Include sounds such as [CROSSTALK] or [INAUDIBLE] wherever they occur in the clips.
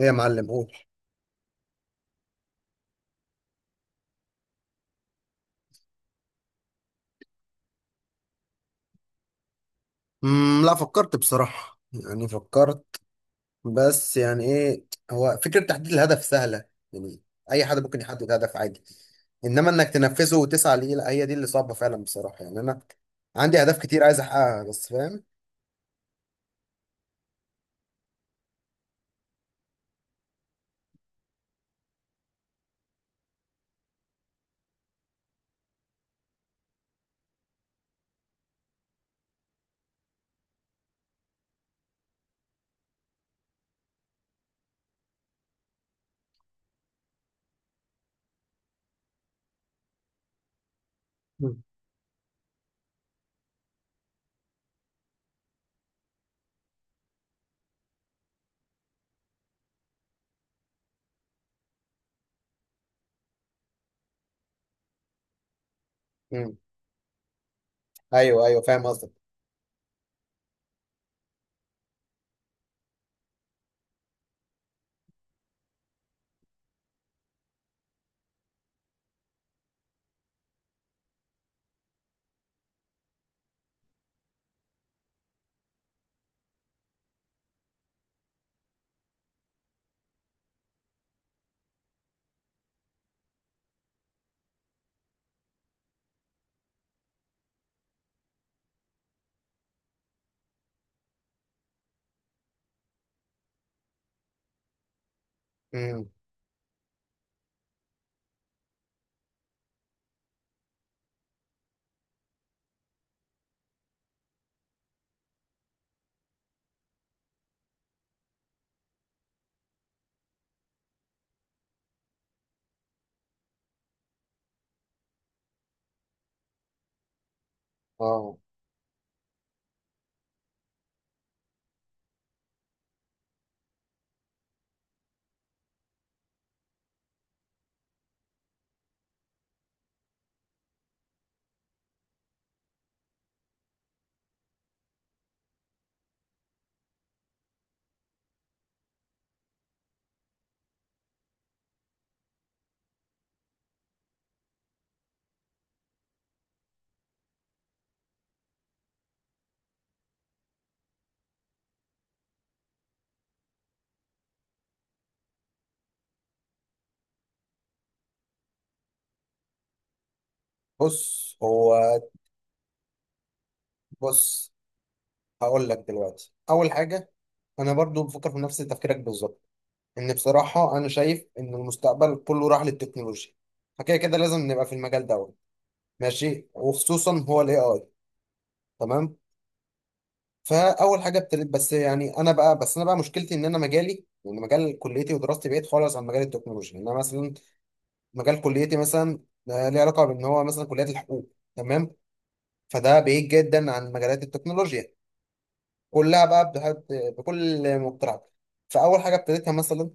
ايه يا معلم، قول. لا، فكرت بصراحة، يعني فكرت، بس يعني ايه. هو فكرة تحديد الهدف سهلة، يعني اي حد ممكن يحدد هدف عادي. انما انك تنفذه وتسعى ليه، لا هي دي اللي صعبة فعلا بصراحة. يعني انا عندي اهداف كتير عايز احققها، بس فاهم. مم. امم ايوه ايوه، فاهم قصدك. امم اه بص هو بص، هقول لك دلوقتي. اول حاجة، انا برضو بفكر في نفس تفكيرك بالظبط. ان بصراحه انا شايف ان المستقبل كله راح للتكنولوجيا، فكده كده لازم نبقى في المجال دوت. ماشي، وخصوصا هو الاي اي. تمام. فاول حاجه ابتديت، بس يعني انا بقى مشكلتي ان انا مجالي، يعني مجال كليتي ودراستي بعيد خالص عن مجال التكنولوجيا. يعني انا مثلا مجال كليتي مثلا، ليه علاقه بان هو مثلا كليه الحقوق. تمام. فده بعيد جدا عن مجالات التكنولوجيا كلها بقى. بكل مقترحات. فاول حاجه ابتديتها مثلا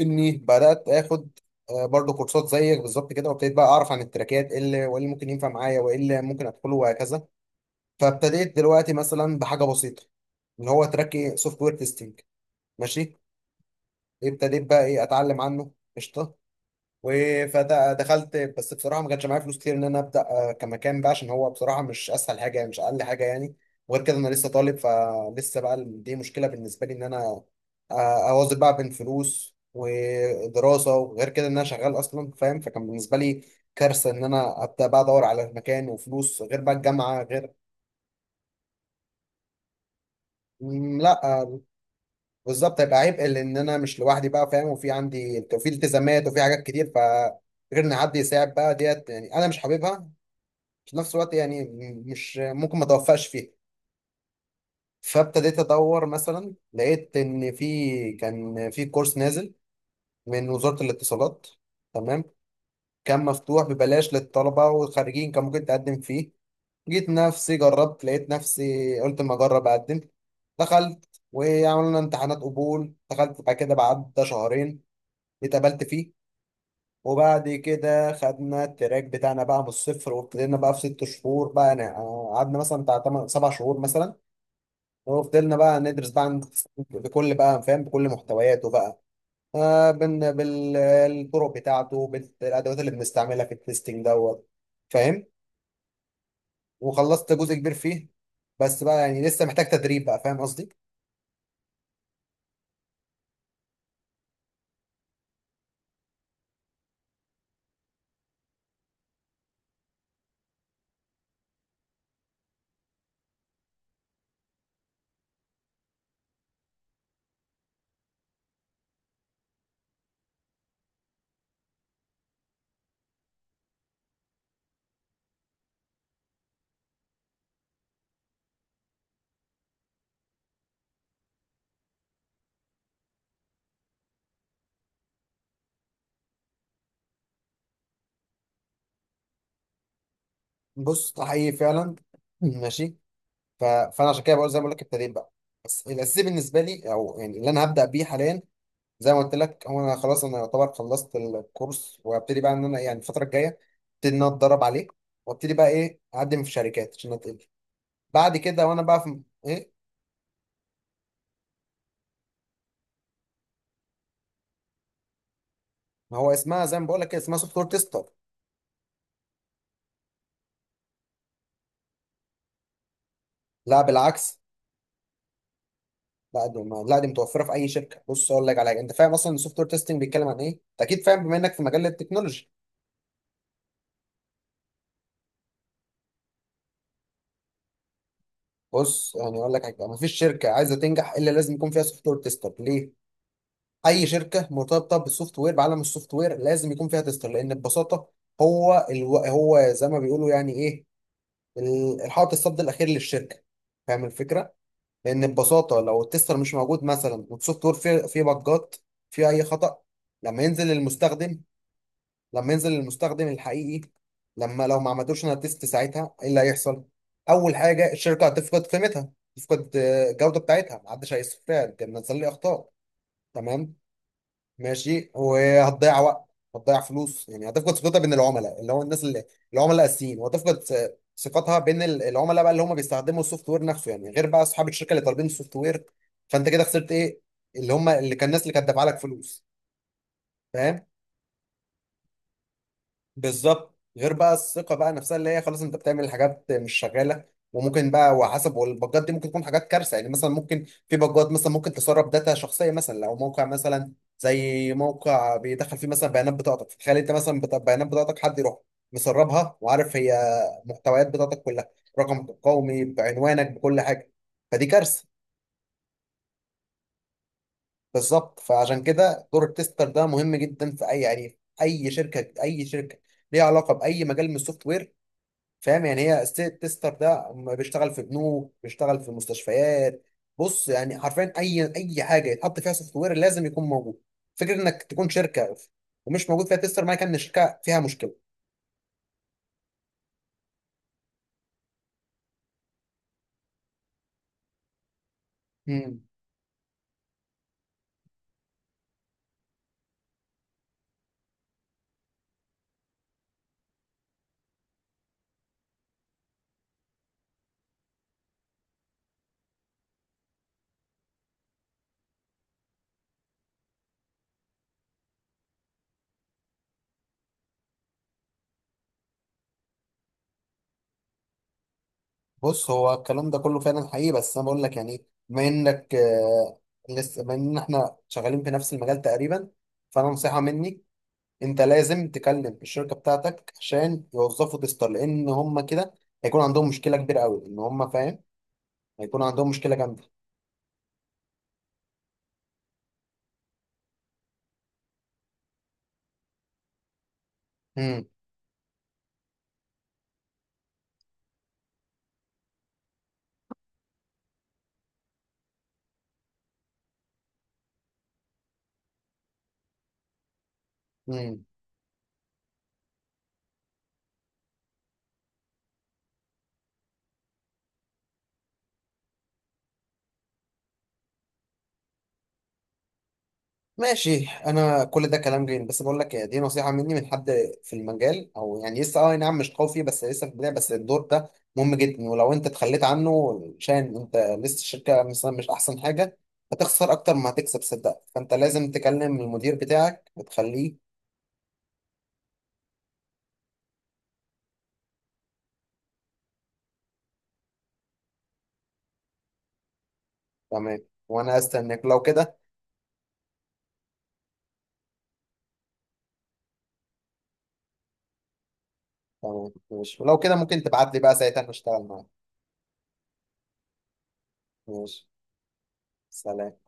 اني بدات اخد، برضو كورسات زيك بالظبط كده. وابتديت بقى اعرف عن التراكات، ايه اللي وايه اللي ممكن ينفع معايا وايه اللي ممكن ادخله وهكذا. فابتديت دلوقتي مثلا بحاجه بسيطه، اللي هو تراك سوفت وير تيستنج. ماشي. ابتديت بقى ايه، اتعلم عنه. قشطه. فدخلت، بس بصراحه ما كانش معايا فلوس كتير ان انا ابدا كمكان بقى، عشان هو بصراحه مش اسهل حاجه يعني، مش اقل حاجه يعني. وغير كده انا لسه طالب، فلسه بقى دي مشكله بالنسبه لي ان انا اواظب بقى بين فلوس ودراسه. وغير كده ان انا شغال اصلا فاهم، فكان بالنسبه لي كارثه ان انا ابدا بقى ادور على مكان وفلوس غير بقى الجامعه غير. لا بالظبط، هيبقى عبء لان انا مش لوحدي بقى فاهم، وفي عندي وفي التزامات وفي حاجات كتير. ف غير ان حد يساعد بقى ديت، يعني انا مش حاببها في نفس الوقت يعني، مش ممكن ما توفقش فيها. فابتديت ادور، مثلا لقيت ان في كورس نازل من وزارة الاتصالات. تمام. كان مفتوح ببلاش للطلبة والخريجين، كان ممكن تقدم فيه. جيت نفسي جربت، لقيت نفسي قلت ما اجرب اقدم. دخلت وعملنا امتحانات قبول، دخلت بعد كده بعد شهرين اتقبلت فيه. وبعد كده خدنا التراك بتاعنا بقى من الصفر، وابتدينا بقى في ست شهور بقى، قعدنا مثلا بتاع تمن سبع شهور مثلا. وفضلنا بقى ندرس بقى بكل بقى فاهم بكل محتوياته بقى، آه بن بالطرق بتاعته، بالادوات اللي بنستعملها في التستنج دوت. فاهم. وخلصت جزء كبير فيه، بس بقى يعني لسه محتاج تدريب بقى فاهم قصدي. بص، ده حقيقي فعلا. [CLEARS THROAT] ماشي. فانا عشان كده بقول زي ما بقول لك، التدريب بقى بس الاساسي بالنسبه لي. او يعني اللي انا هبدا بيه حاليا زي ما قلت لك، هو انا خلاص انا يعتبر خلصت الكورس. وابتدي بقى ان انا يعني الفتره الجايه ابتدي ان انا اتدرب عليه، وابتدي بقى ايه اقدم في شركات عشان اتقبل بعد كده، وانا بقى في ايه. ما هو اسمها زي ما بقول لك كده، اسمها سوفت وير تيستر. لا بالعكس، لا دي متوفره في اي شركه. بص اقول لك على حاجه، انت فاهم اصلا السوفت وير تيستنج بيتكلم عن ايه، انت اكيد فاهم بما انك في مجال التكنولوجي. بص يعني اقول لك حاجه، ما فيش شركه عايزه تنجح الا لازم يكون فيها سوفت وير تيستر. ليه؟ اي شركه مرتبطه بالسوفت وير، بعالم السوفت وير لازم يكون فيها تستر. لان ببساطه هو هو زي ما بيقولوا يعني ايه، الحائط الصد الاخير للشركه. فاهم الفكره؟ لان ببساطه لو التستر مش موجود مثلا، والسوفت وير فيه بجات، فيه اي خطا، لما ينزل للمستخدم، لما ينزل للمستخدم الحقيقي، لما لو ما عملتوش انا تيست، ساعتها ايه اللي هيحصل؟ اول حاجه الشركه هتفقد قيمتها، تفقد الجوده بتاعتها، ما حدش هيستفاد، نزل لي اخطاء. تمام. ماشي. وهتضيع وقت، هتضيع فلوس، يعني هتفقد ثقتها بين العملاء، اللي هو الناس اللي العملاء الاساسيين. ثقتها بين العملاء بقى، اللي هم بيستخدموا السوفت وير نفسه يعني، غير بقى اصحاب الشركه اللي طالبين السوفت وير. فانت كده خسرت ايه؟ اللي هم اللي كان الناس اللي كانت دافعه لك فلوس. فاهم؟ بالظبط، غير بقى الثقه بقى نفسها اللي هي خلاص انت بتعمل حاجات مش شغاله. وممكن بقى وحسب، والباجات دي ممكن تكون حاجات كارثه. يعني مثلا ممكن في باجات مثلا ممكن تسرب داتا شخصيه. مثلا لو موقع مثلا، زي موقع بيدخل فيه مثلا بيانات بطاقتك، تخيل انت مثلا بيانات بطاقتك حد يروح مسربها، وعارف هي محتويات بطاقتك كلها، رقمك القومي، بعنوانك، بكل حاجه. فدي كارثه. بالظبط، فعشان كده دور التستر ده مهم جدا في اي يعني اي شركه، اي شركه ليها علاقه باي مجال من السوفت وير. فاهم يعني؟ هي ستيت تيستر ده بيشتغل في بنوك، بيشتغل في مستشفيات. بص يعني، حرفيا اي اي حاجه يتحط فيها سوفت وير لازم يكون موجود. فكره انك تكون شركه ومش موجود فيها تيستر، معنى كان ان الشركه فيها مشكله. مم. بص، هو الكلام ده كله فعلا حقيقي، بس انا بقول لك يعني بما انك لسه، بما ان احنا شغالين في نفس المجال تقريبا، فانا نصيحه مني، انت لازم تكلم الشركه بتاعتك عشان يوظفوا تيستر، لان هم كده هيكون عندهم مشكله كبيره قوي ان هم فاهم، هيكون عندهم مشكلة جامدة. امم امم ماشي، انا كل ده كلام جميل، بس بقول لك دي نصيحة مني من حد في المجال، او يعني لسه اه نعم مش قوي فيه بس لسه في البداية. بس الدور ده مهم جدا، ولو انت اتخليت عنه عشان انت لسه الشركة مثلا مش احسن حاجة، هتخسر اكتر ما هتكسب صدق. فانت لازم تكلم المدير بتاعك وتخليه. تمام، وانا استناك لو كده. تمام، ماشي، ولو كده ممكن تبعت لي بقى ساعتها نشتغل معاك. ماشي، سلام.